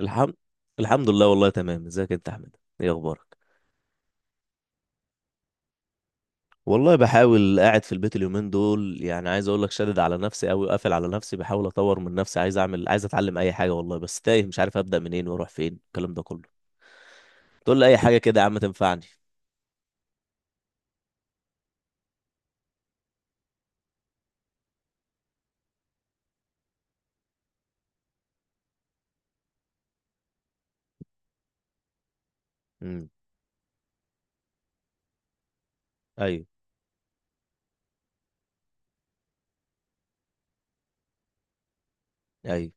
الحمد الحمد لله. والله تمام، ازيك انت يا احمد؟ ايه اخبارك؟ والله بحاول قاعد في البيت اليومين دول. يعني عايز اقول لك، شادد على نفسي قوي وقافل على نفسي، بحاول اطور من نفسي، عايز اعمل، عايز اتعلم اي حاجه. والله بس تايه، مش عارف ابدا منين واروح فين، الكلام ده كله. تقول لي اي حاجه كده يا عم تنفعني. امم. ايوه. ايوه.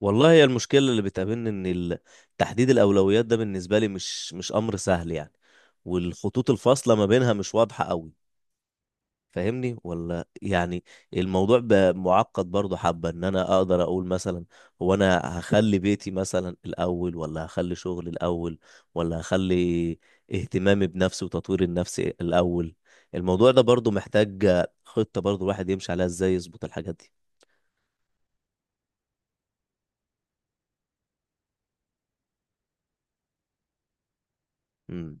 والله هي المشكله اللي بتقابلني، ان تحديد الاولويات ده بالنسبه لي مش امر سهل يعني. والخطوط الفاصله ما بينها مش واضحه قوي، فاهمني ولا يعني؟ الموضوع بقى معقد برضه حبة، ان انا اقدر اقول مثلا هو انا هخلي بيتي مثلا الاول، ولا هخلي شغلي الاول، ولا هخلي اهتمامي بنفسي وتطوير النفس الاول. الموضوع ده برضه محتاج خطة برضه الواحد يمشي عليها، ازاي يظبط الحاجات دي. امم.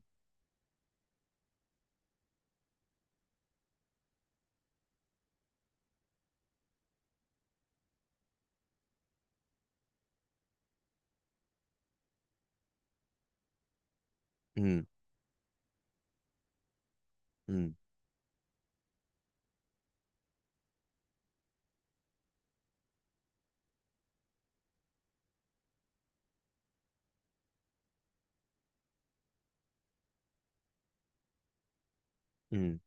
امم. إمم. إمم.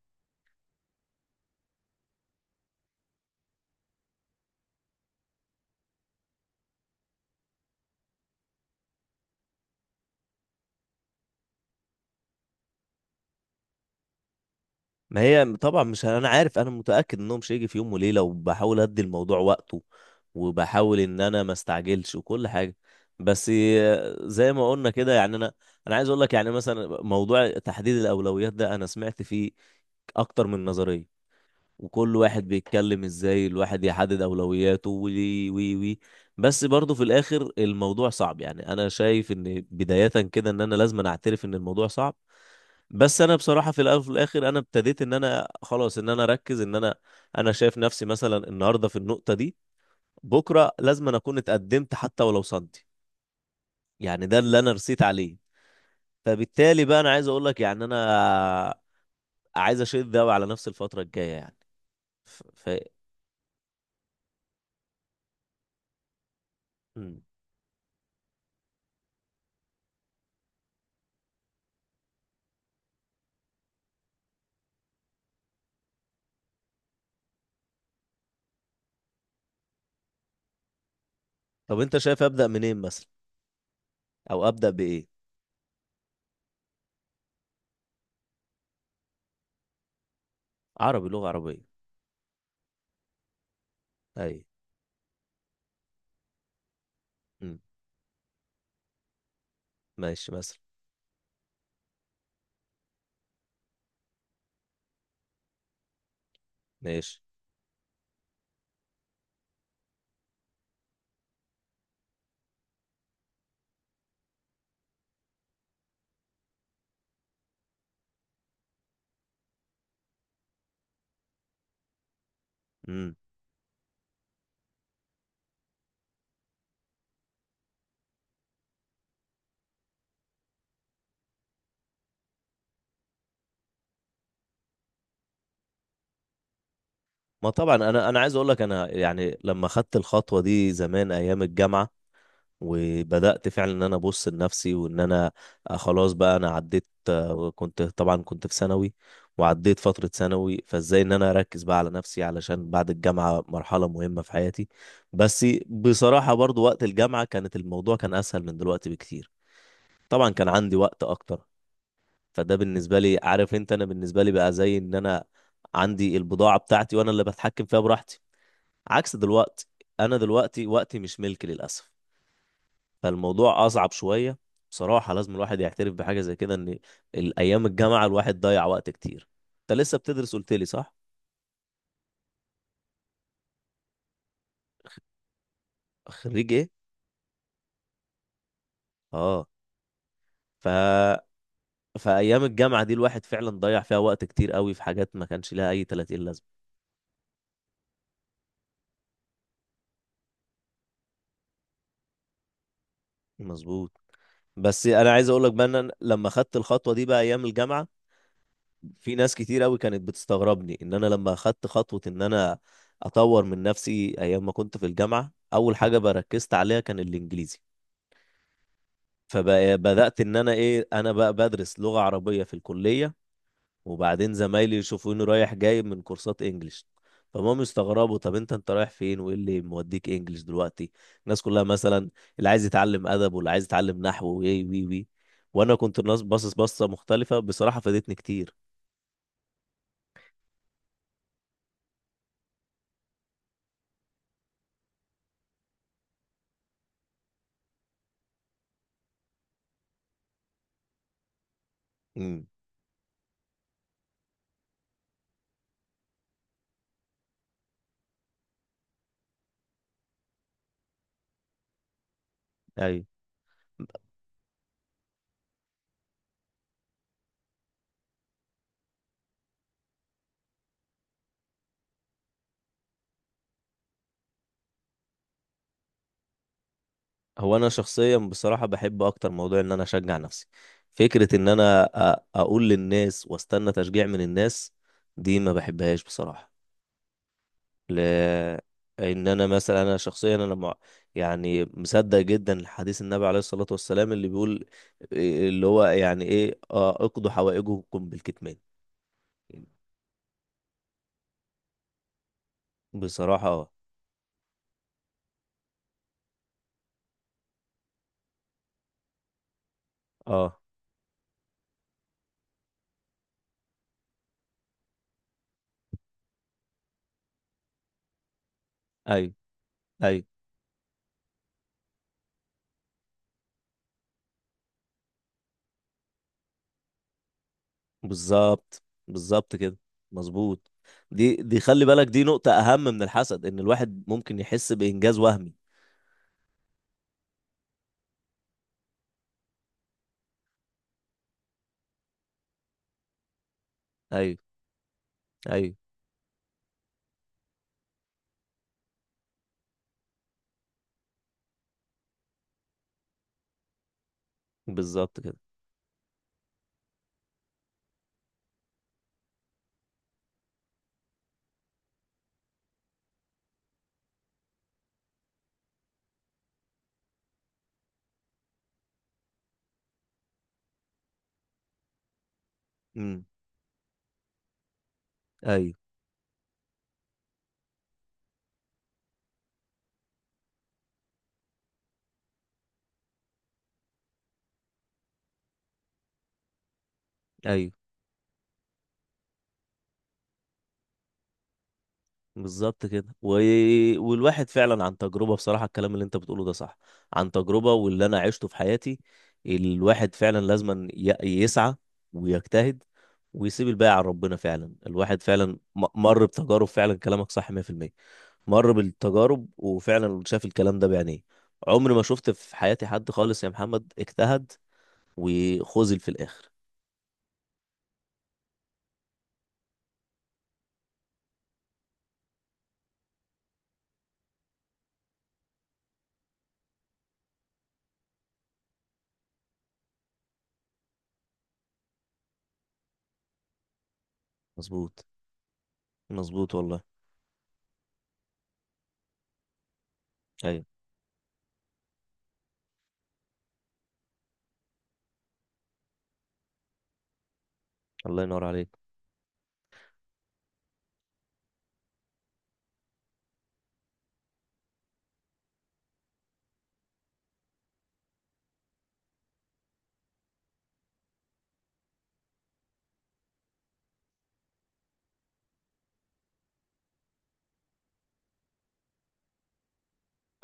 ما هي طبعا مش انا عارف، انا متاكد انه مش هيجي في يوم وليله، وبحاول ادي الموضوع وقته، وبحاول ان انا ما استعجلش وكل حاجه. بس زي ما قلنا كده، يعني انا عايز اقول لك، يعني مثلا موضوع تحديد الاولويات ده انا سمعت فيه اكتر من نظريه، وكل واحد بيتكلم ازاي الواحد يحدد اولوياته، وي وي وي. بس برضه في الاخر الموضوع صعب، يعني انا شايف ان بدايه كده ان انا لازم أنا اعترف ان الموضوع صعب. بس انا بصراحه في الاول وفي الاخر، انا ابتديت ان انا خلاص، ان انا اركز، ان انا انا شايف نفسي مثلا النهارده في النقطه دي، بكره لازم أنا اكون اتقدمت حتى ولو صدي. يعني ده اللي انا رسيت عليه. فبالتالي بقى، انا عايز اقول لك، يعني انا عايز اشد قوي على نفسي الفتره الجايه يعني. ف... ف... مم. طب انت شايف ابدا منين مثلا، او ابدا بايه؟ عربي، لغه عربيه. اي. مم. ماشي مثلا. ماشي. مم. ما طبعا انا عايز اقول لك، انا يعني لما خدت الخطوه دي زمان ايام الجامعه، وبدأت فعلا ان انا ابص لنفسي وان انا خلاص بقى انا عديت. كنت طبعا في ثانوي، وعديت فترة ثانوي، فازاي ان انا اركز بقى على نفسي علشان بعد الجامعة مرحلة مهمة في حياتي. بس بصراحة برضو وقت الجامعة كانت الموضوع كان اسهل من دلوقتي بكتير. طبعا كان عندي وقت اكتر. فده بالنسبة لي، عارف انت، انا بالنسبة لي بقى زي ان انا عندي البضاعة بتاعتي وانا اللي بتحكم فيها براحتي، عكس دلوقتي. انا دلوقتي وقتي مش ملكي للأسف، فالموضوع اصعب شويه. بصراحه لازم الواحد يعترف بحاجه زي كده، ان الايام الجامعه الواحد ضيع وقت كتير. انت لسه بتدرس قلت لي، صح؟ خريج ايه؟ اه. ف فايام الجامعه دي الواحد فعلا ضيع فيها وقت كتير قوي في حاجات ما كانش لها اي 30 لازمه. مظبوط. بس انا عايز اقول لك بقى، ان أنا لما خدت الخطوه دي بقى ايام الجامعه، في ناس كتير قوي كانت بتستغربني ان انا لما خدت خطوه ان انا اطور من نفسي ايام ما كنت في الجامعه، اول حاجه بركزت عليها كان الانجليزي. فبدأت إن أنا بقى بدرس لغة عربية في الكلية، وبعدين زمايلي يشوفوني رايح جاي من كورسات إنجليش، فهم يستغربوا طب أنت رايح فين، وإيه اللي موديك إنجليش دلوقتي. الناس كلها مثلا اللي عايز يتعلم أدب، واللي عايز يتعلم نحو، وإيه وي وي، وأنا كنت الناس باصص بصة مختلفة، بصراحة فادتني كتير. امم. أيوه. هو انا شخصيا بصراحه بحب اكتر موضوع ان انا اشجع نفسي. فكره ان انا اقول للناس واستنى تشجيع من الناس، دي ما بحبهاش بصراحه. لان انا مثلا انا شخصيا يعني مصدق جدا حديث النبي عليه الصلاة والسلام اللي بيقول اللي هو يعني ايه، اقضوا حوائجكم بالكتمان. بصراحة اه. اه. ايوه. ايوه. بالظبط. بالظبط كده. مظبوط. دي خلي بالك، دي نقطة اهم من الحسد، ان الواحد ممكن يحس بانجاز وهمي. ايوه. ايوه. بالظبط كده. امم. ايوه. ايوه. بالظبط كده. والواحد فعلا عن تجربة، بصراحة الكلام اللي انت بتقوله ده صح، عن تجربة واللي انا عشته في حياتي. الواحد فعلا لازم يسعى ويجتهد ويسيب الباقي على ربنا، فعلا الواحد فعلا مر بتجارب، فعلا كلامك صح 100%. مر بالتجارب وفعلا شاف الكلام ده بعينيه. عمري ما شفت في حياتي حد خالص يا محمد اجتهد وخذل في الاخر. مظبوط. مظبوط والله. ايوه. الله ينور عليك.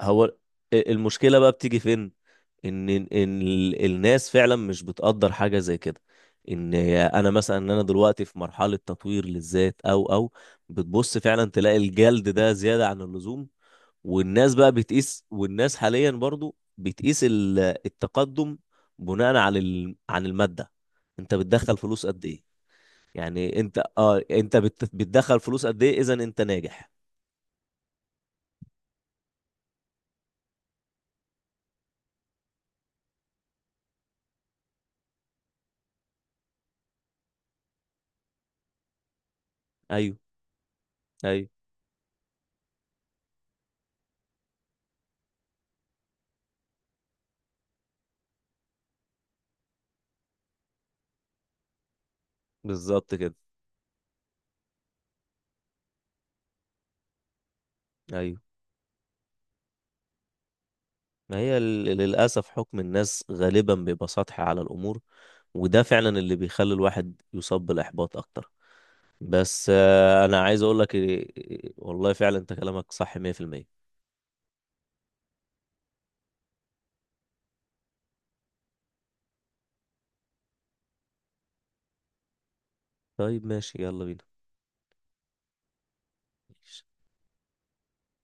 هو المشكلة بقى بتيجي فين؟ إن الناس فعلا مش بتقدر حاجة زي كده، إن أنا دلوقتي في مرحلة تطوير للذات، أو بتبص فعلا تلاقي الجلد ده زيادة عن اللزوم. والناس بقى بتقيس، والناس حاليا برضو بتقيس التقدم بناء على عن المادة. أنت بتدخل فلوس قد إيه؟ يعني أنت بتدخل فلوس قد إيه، إذا أنت ناجح. أيوه. أيوه. بالظبط كده. أيوه. ما هي للأسف حكم الناس غالبا بيبقى سطحي على الأمور، وده فعلا اللي بيخلي الواحد يصاب بالإحباط أكتر. بس أنا عايز أقول لك إيه- إيه- إيه، والله فعلا أنت كلامك صح 100%. طيب ماشي، يلا بينا.